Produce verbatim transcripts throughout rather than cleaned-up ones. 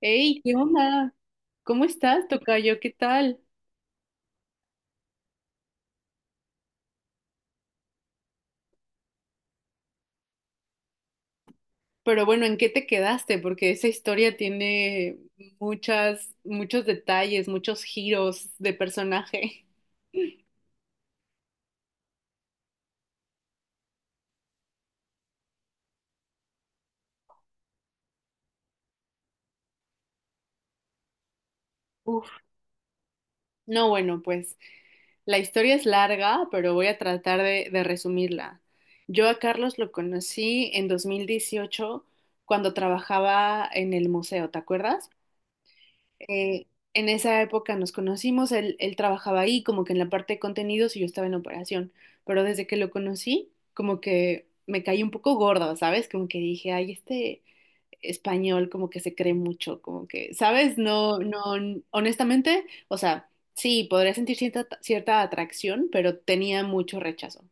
Hey, ¿qué onda? ¿Cómo estás, tocayo? ¿Qué tal? Pero bueno, ¿en qué te quedaste? Porque esa historia tiene muchas, muchos detalles, muchos giros de personaje. Uf. No, bueno, pues la historia es larga, pero voy a tratar de, de resumirla. Yo a Carlos lo conocí en dos mil dieciocho cuando trabajaba en el museo, ¿te acuerdas? Eh, en esa época nos conocimos, él, él trabajaba ahí como que en la parte de contenidos y yo estaba en operación, pero desde que lo conocí como que me caí un poco gorda, ¿sabes? Como que dije, ay, este español como que se cree mucho, como que, ¿sabes? No, no, honestamente, o sea, sí, podría sentir cierta, cierta atracción, pero tenía mucho rechazo.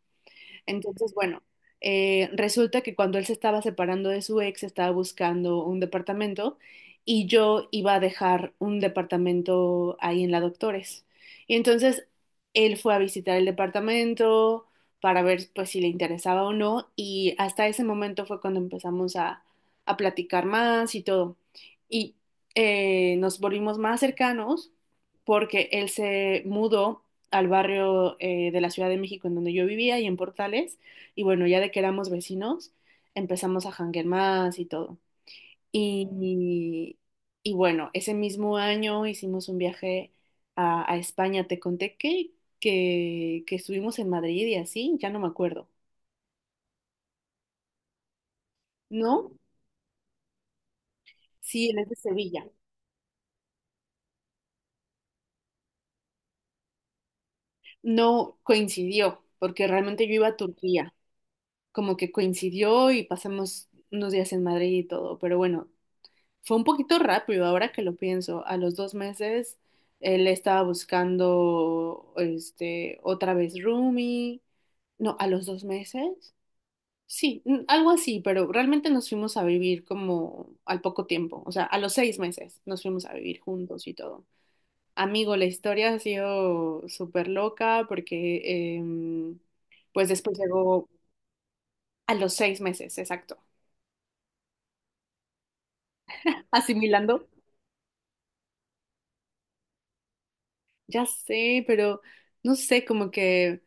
Entonces, bueno, eh, resulta que cuando él se estaba separando de su ex, estaba buscando un departamento y yo iba a dejar un departamento ahí en la Doctores. Y entonces él fue a visitar el departamento para ver pues si le interesaba o no y hasta ese momento fue cuando empezamos a, a platicar más y todo. Y eh, nos volvimos más cercanos porque él se mudó al barrio eh, de la Ciudad de México en donde yo vivía y en Portales. Y bueno, ya de que éramos vecinos, empezamos a janguear más y todo. Y, y bueno, ese mismo año hicimos un viaje a, a España. Te conté que, que, que estuvimos en Madrid y así, ya no me acuerdo. ¿No? Sí, él es de Sevilla. No coincidió, porque realmente yo iba a Turquía. Como que coincidió y pasamos unos días en Madrid y todo. Pero bueno, fue un poquito rápido ahora que lo pienso. A los dos meses él estaba buscando este otra vez roomie. No, a los dos meses. Sí, mm, algo así, pero realmente nos fuimos a vivir como al poco tiempo. O sea, a los seis meses nos fuimos a vivir juntos y todo. Amigo, la historia ha sido súper loca porque em, pues después llegó a los seis meses, exacto. Asimilando. Ya sé, pero no sé, como que,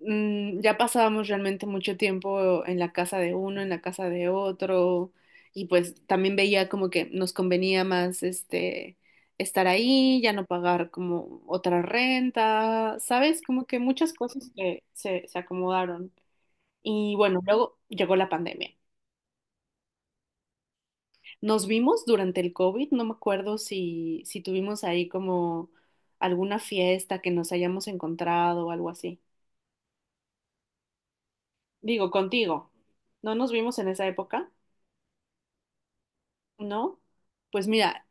mm, ya pasábamos realmente mucho tiempo en la casa de uno, en la casa de otro, y pues también veía como que nos convenía más este estar ahí, ya no pagar como otra renta, ¿sabes? Como que muchas cosas que se, se acomodaron. Y bueno, luego llegó la pandemia. Nos vimos durante el COVID, no me acuerdo si, si tuvimos ahí como alguna fiesta que nos hayamos encontrado o algo así. Digo, contigo. ¿No nos vimos en esa época? ¿No? Pues mira,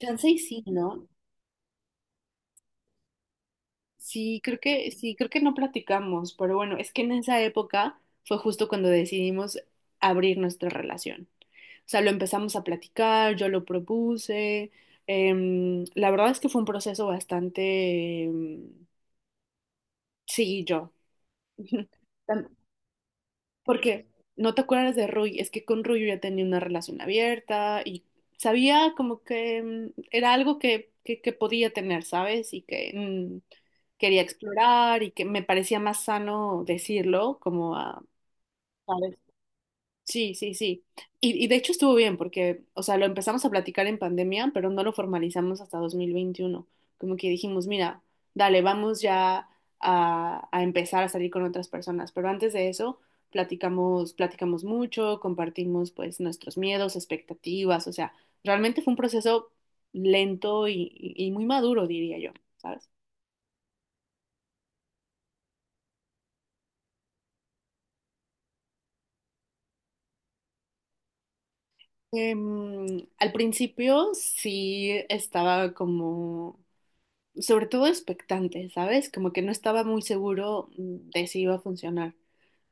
chance y sí, ¿no? Sí, creo que, sí, creo que no platicamos, pero bueno, es que en esa época fue justo cuando decidimos abrir nuestra relación. O sea, lo empezamos a platicar, yo lo propuse. Em, la verdad es que fue un proceso bastante, em, sí, yo. Tam- Porque no te acuerdas de Rui, es que con Rui yo ya tenía una relación abierta y sabía como que mm, era algo que, que, que podía tener, ¿sabes? Y que mm, quería explorar y que me parecía más sano decirlo, como a, ¿sabes? Sí, sí, sí. Y, y de hecho estuvo bien porque, o sea, lo empezamos a platicar en pandemia, pero no lo formalizamos hasta dos mil veintiuno. Como que dijimos, mira, dale, vamos ya a, a empezar a salir con otras personas. Pero antes de eso, platicamos, platicamos mucho, compartimos pues nuestros miedos, expectativas. O sea, realmente fue un proceso lento y, y y muy maduro, diría yo, ¿sabes? Em, al principio sí estaba como sobre todo expectante, ¿sabes? Como que no estaba muy seguro mm, de si iba a funcionar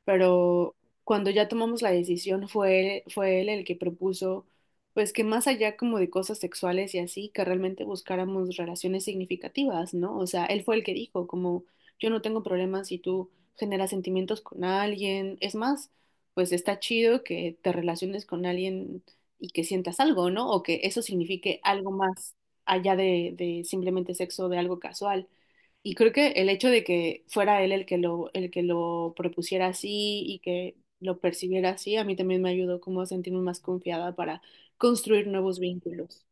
pero cuando ya tomamos la decisión fue él, fue él el que propuso, pues que más allá como de cosas sexuales y así, que realmente buscáramos relaciones significativas, ¿no? O sea, él fue el que dijo, como yo no tengo problemas si tú generas sentimientos con alguien, es más, pues está chido que te relaciones con alguien y que sientas algo, ¿no? O que eso signifique algo más allá de, de simplemente sexo, de algo casual. Y creo que el hecho de que fuera él el que lo, el que lo propusiera así y que lo percibiera así, a mí también me ayudó como a sentirme más confiada para construir nuevos vínculos.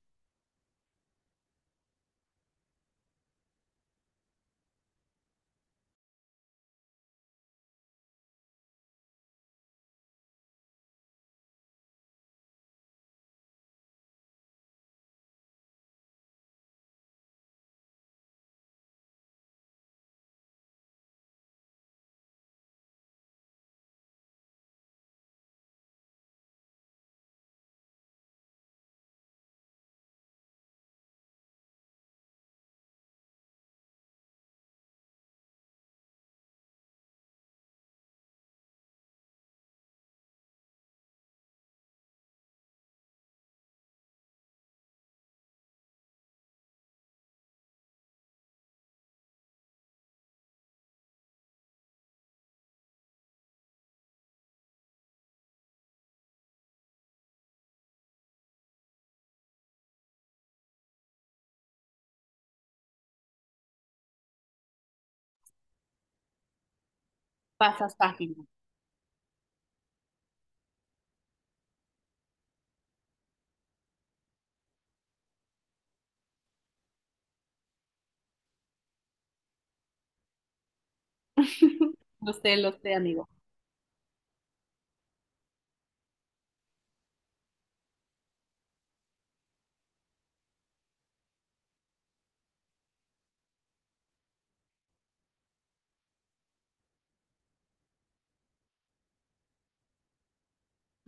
Pasas página. Lo sé, lo sé, amigo.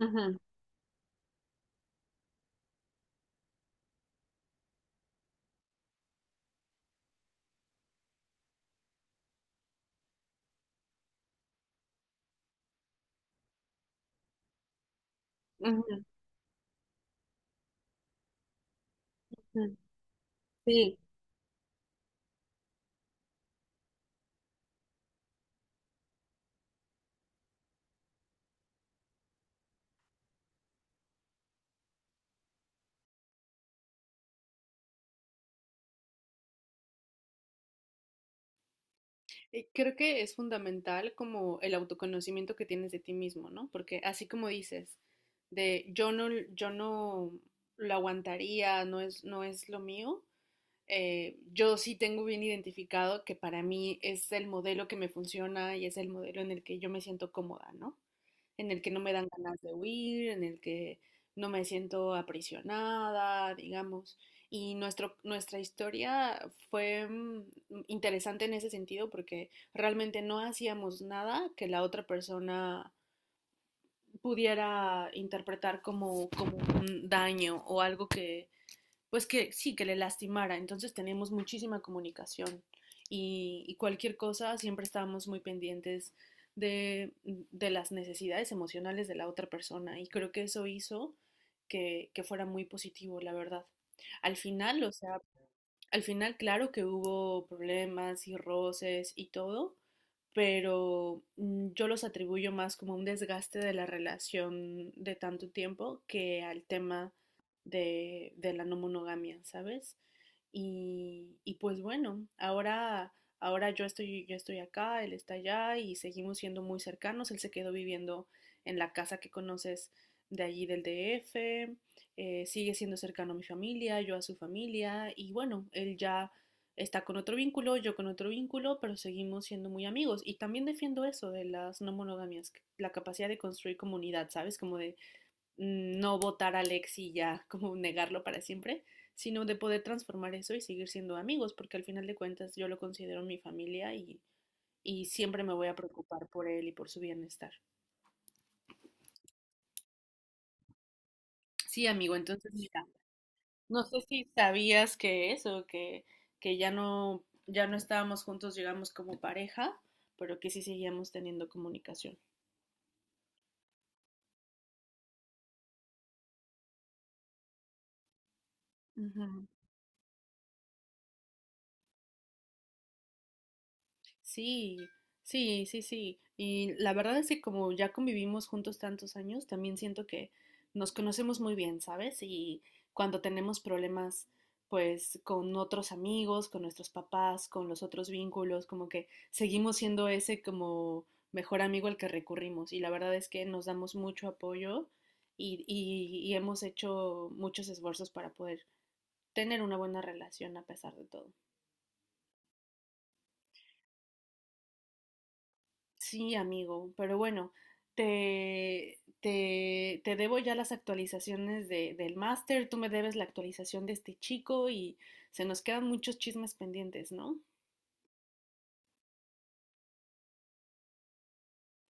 Ujú, ujú, ujú. Sí. Y creo que es fundamental como el autoconocimiento que tienes de ti mismo, ¿no? Porque así como dices, de yo no, yo no lo aguantaría, no es, no es lo mío, eh, yo sí tengo bien identificado que para mí es el modelo que me funciona y es el modelo en el que yo me siento cómoda, ¿no? En el que no me dan ganas de huir, en el que no me siento aprisionada, digamos. Y nuestro, nuestra historia fue mm, interesante en ese sentido porque realmente no hacíamos nada que la otra persona pudiera interpretar como, como un daño o algo que, pues que sí, que le lastimara. Entonces tenemos muchísima comunicación y, y cualquier cosa siempre estábamos muy pendientes de, de, las necesidades emocionales de la otra persona y creo que eso hizo que, que fuera muy positivo, la verdad. Al final, o sea, al final, claro que hubo problemas y roces y todo, pero mm, yo los atribuyo más como un desgaste de la relación de tanto tiempo que al tema de, de la no monogamia, ¿sabes? Y, y pues bueno, ahora, ahora yo estoy, yo estoy acá, él está allá y seguimos siendo muy cercanos. Él se quedó viviendo en la casa que conoces de allí del D F eh, sigue siendo cercano a mi familia, yo a su familia y bueno, él ya está con otro vínculo, yo con otro vínculo, pero seguimos siendo muy amigos. Y también defiendo eso de las no monogamias, la capacidad de construir comunidad, ¿sabes? Como de mm, no votar a Alex y ya, como negarlo para siempre, sino de poder transformar eso y seguir siendo amigos, porque al final de cuentas yo lo considero mi familia y, y siempre me voy a preocupar por él y por su bienestar. Sí, amigo, entonces mira, no sé si sabías que eso, que, que ya no, ya no estábamos juntos, digamos, como pareja, pero que sí seguíamos teniendo comunicación. Ujú. Sí, sí, sí, sí. Y la verdad es que como ya convivimos juntos tantos años, también siento que nos conocemos muy bien, ¿sabes? Y cuando tenemos problemas, pues con otros amigos, con nuestros papás, con los otros vínculos, como que seguimos siendo ese como mejor amigo al que recurrimos. Y la verdad es que nos damos mucho apoyo y, y y hemos hecho muchos esfuerzos para poder tener una buena relación a pesar de todo. Sí, amigo, pero bueno, te, te, te debo ya las actualizaciones de, del máster, tú me debes la actualización de este chico y se nos quedan muchos chismes pendientes, ¿no?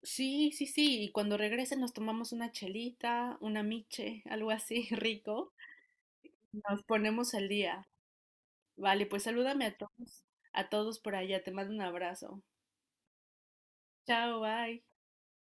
Sí, sí, sí, y cuando regrese nos tomamos una chelita, una miche, algo así rico, nos ponemos al día. Vale, pues salúdame a todos, a todos por allá, te mando un abrazo. Chao, bye.